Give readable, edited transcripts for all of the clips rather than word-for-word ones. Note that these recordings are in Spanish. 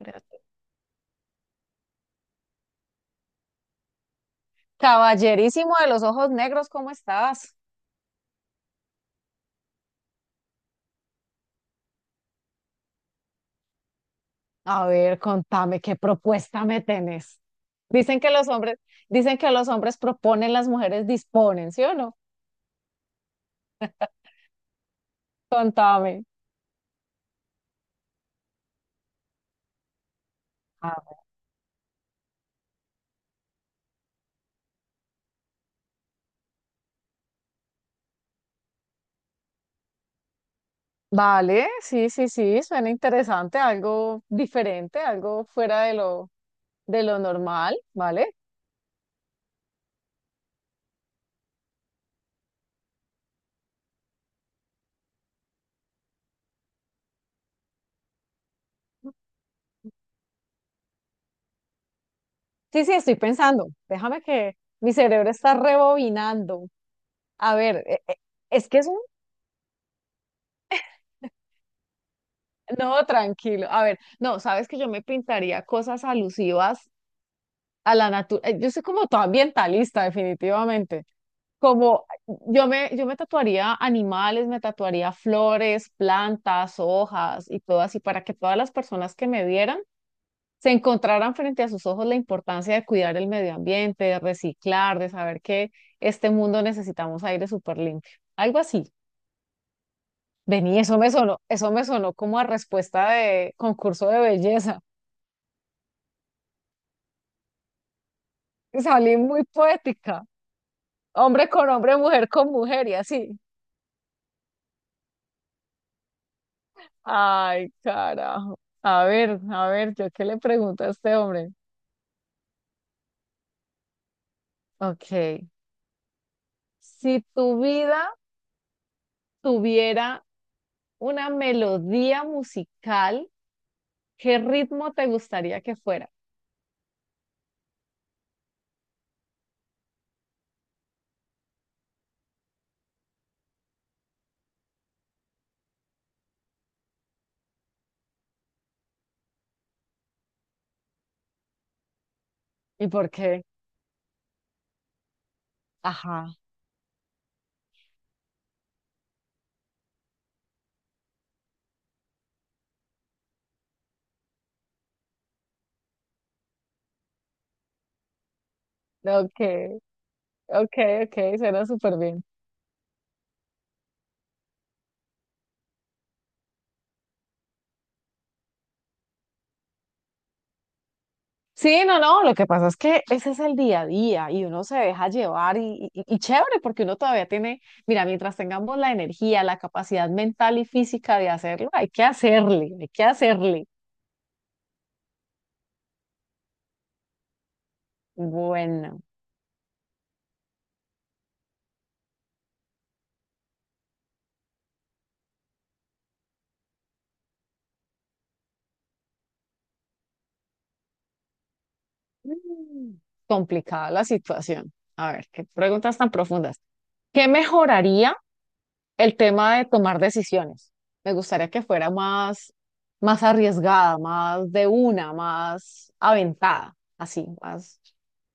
Espérate. Caballerísimo de los ojos negros, ¿cómo estás? A ver, contame qué propuesta me tenés. Dicen que los hombres, dicen que los hombres proponen, las mujeres disponen, ¿sí o no? Contame. A ver. Vale, sí, sí, sí, suena interesante, algo diferente, algo fuera de lo normal, ¿vale? Sí, sí, estoy pensando. Déjame que mi cerebro está rebobinando. A ver, es que es un... No, tranquilo. A ver, no, sabes que yo me pintaría cosas alusivas a la naturaleza. Yo soy como toda ambientalista, definitivamente. Como yo me tatuaría animales, me tatuaría flores, plantas, hojas y todo así, para que todas las personas que me vieran se encontraran frente a sus ojos la importancia de cuidar el medio ambiente, de reciclar, de saber que este mundo necesitamos aire súper limpio. Algo así. Vení, eso me sonó como a respuesta de concurso de belleza. Salí muy poética. Hombre con hombre, mujer con mujer y así. Ay, carajo. A ver, ¿yo qué le pregunto a este hombre? Ok. Si tu vida tuviera una melodía musical, ¿qué ritmo te gustaría que fuera? ¿Y por qué? Ajá. Ok, ok, ok, suena súper bien. Sí, no, no, lo que pasa es que ese es el día a día y uno se deja llevar y chévere porque uno todavía tiene, mira, mientras tengamos la energía, la capacidad mental y física de hacerlo, hay que hacerle, hay que hacerle. Bueno, mm, complicada la situación. A ver, qué preguntas tan profundas. ¿Qué mejoraría? El tema de tomar decisiones. Me gustaría que fuera más, más arriesgada, más de una, más aventada, así, más,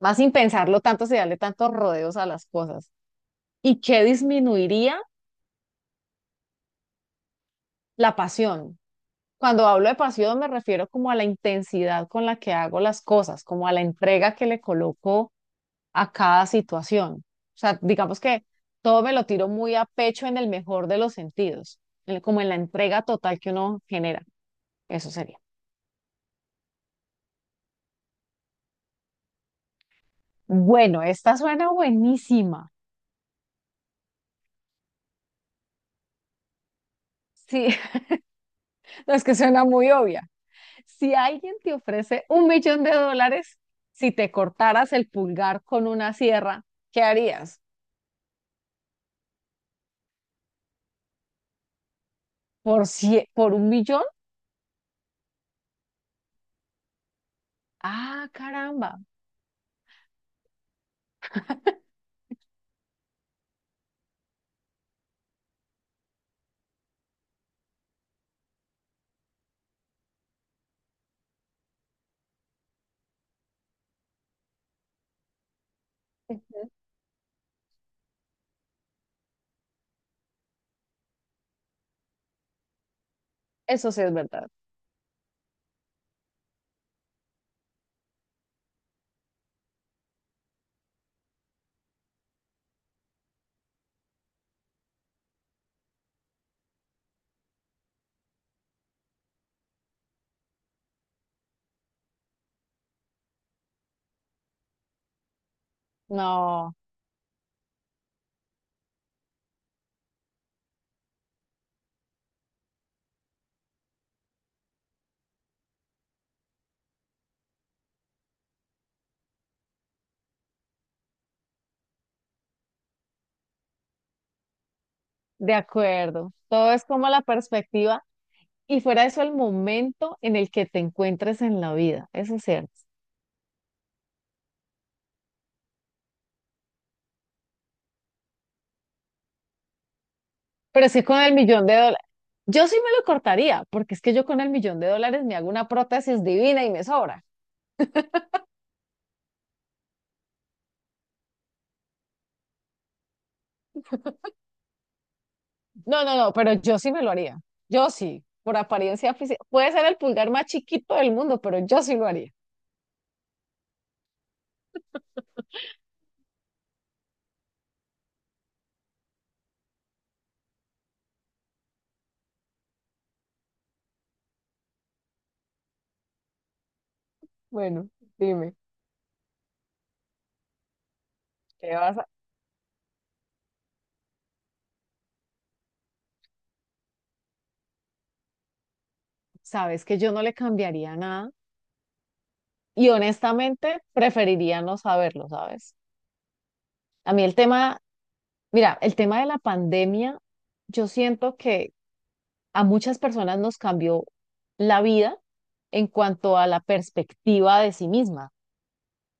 más sin pensarlo tanto, sin darle tantos rodeos a las cosas. ¿Y qué disminuiría? La pasión. Cuando hablo de pasión me refiero como a la intensidad con la que hago las cosas, como a la entrega que le coloco a cada situación. O sea, digamos que todo me lo tiro muy a pecho en el mejor de los sentidos, como en la entrega total que uno genera. Eso sería. Bueno, esta suena buenísima. Sí, no, es que suena muy obvia. Si alguien te ofrece un millón de dólares, si te cortaras el pulgar con una sierra, ¿qué harías? ¿Por, por un millón? Ah, caramba. Eso sí es verdad. No. De acuerdo, todo es como la perspectiva y fuera de eso el momento en el que te encuentres en la vida, eso es cierto. Pero es que con el millón de dólares, yo sí me lo cortaría, porque es que yo con el millón de dólares me hago una prótesis divina y me sobra. No, no, no, pero yo sí me lo haría, yo sí, por apariencia física. Puede ser el pulgar más chiquito del mundo, pero yo sí lo haría. Bueno, dime, ¿qué vas a...? Sabes que yo no le cambiaría nada y honestamente preferiría no saberlo, ¿sabes? A mí el tema... Mira, el tema de la pandemia, yo siento que a muchas personas nos cambió la vida en cuanto a la perspectiva de sí mismas.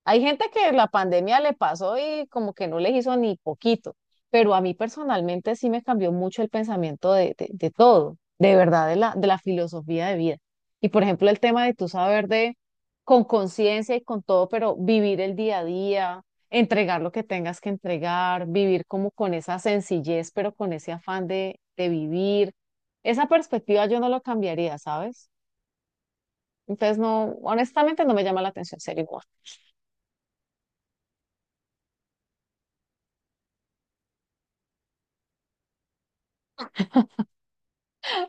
Hay gente que la pandemia le pasó y como que no les hizo ni poquito, pero a mí personalmente sí me cambió mucho el pensamiento de todo, de verdad, de la filosofía de vida. Y por ejemplo, el tema de tu saber de con conciencia y con todo, pero vivir el día a día, entregar lo que tengas que entregar, vivir como con esa sencillez, pero con ese afán de vivir. Esa perspectiva yo no lo cambiaría, ¿sabes? Entonces, no, honestamente no me llama la atención ser igual.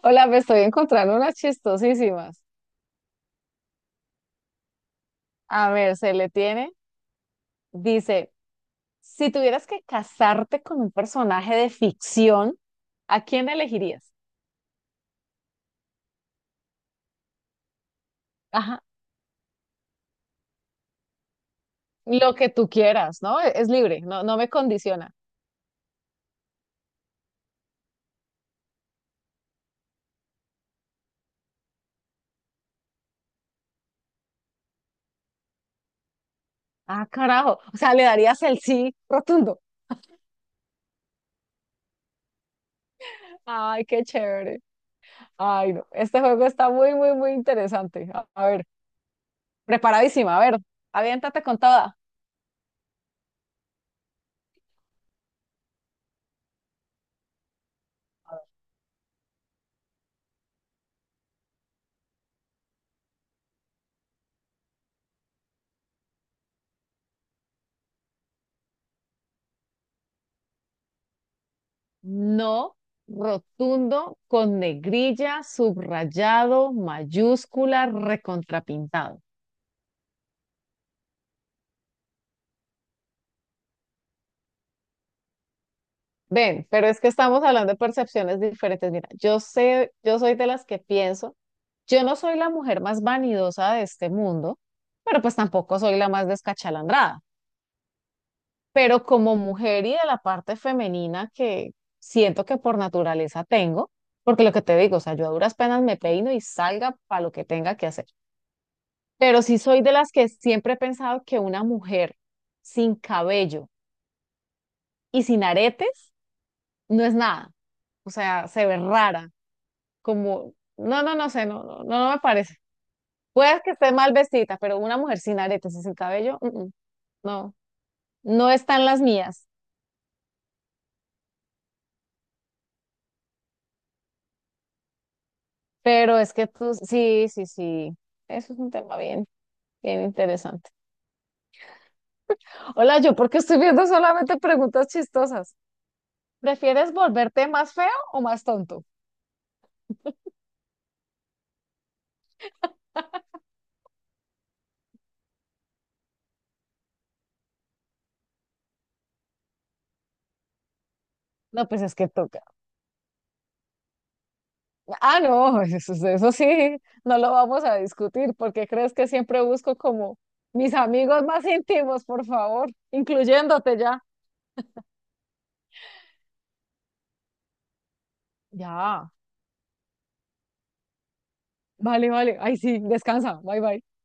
Hola, me estoy encontrando unas chistosísimas. A ver, se le tiene. Dice, si tuvieras que casarte con un personaje de ficción, ¿a quién elegirías? Ajá, lo que tú quieras, ¿no? Es libre, no, no me condiciona. Ah, carajo. O sea, le darías el sí rotundo. Ay, qué chévere. Ay, no. Este juego está muy, muy, muy interesante. A ver, preparadísima. A ver, aviéntate con toda. A ver. No, rotundo, con negrilla, subrayado, mayúscula, recontrapintado. Ven, pero es que estamos hablando de percepciones diferentes. Mira, yo sé, yo soy de las que pienso, yo no soy la mujer más vanidosa de este mundo, pero pues tampoco soy la más descachalandrada. Pero como mujer y de la parte femenina que siento que por naturaleza tengo, porque lo que te digo, o sea, yo a duras penas me peino y salga para lo que tenga que hacer. Pero sí soy de las que siempre he pensado que una mujer sin cabello y sin aretes no es nada, o sea, se ve rara, como, no, no, no sé, no, no, no, no me parece. Puede que esté mal vestida, pero una mujer sin aretes y sin cabello, no, no están las mías. Pero es que tú, sí, sí, sí. Eso es un tema bien... Bien interesante. Hola, yo porque estoy viendo solamente preguntas chistosas. ¿Prefieres volverte más feo o más tonto? No, pues es que toca. Ah, no, eso sí, no lo vamos a discutir porque crees que siempre busco como mis amigos más íntimos, por favor, incluyéndote ya. Ya, vale, vale. Ay, sí, descansa. Bye, bye.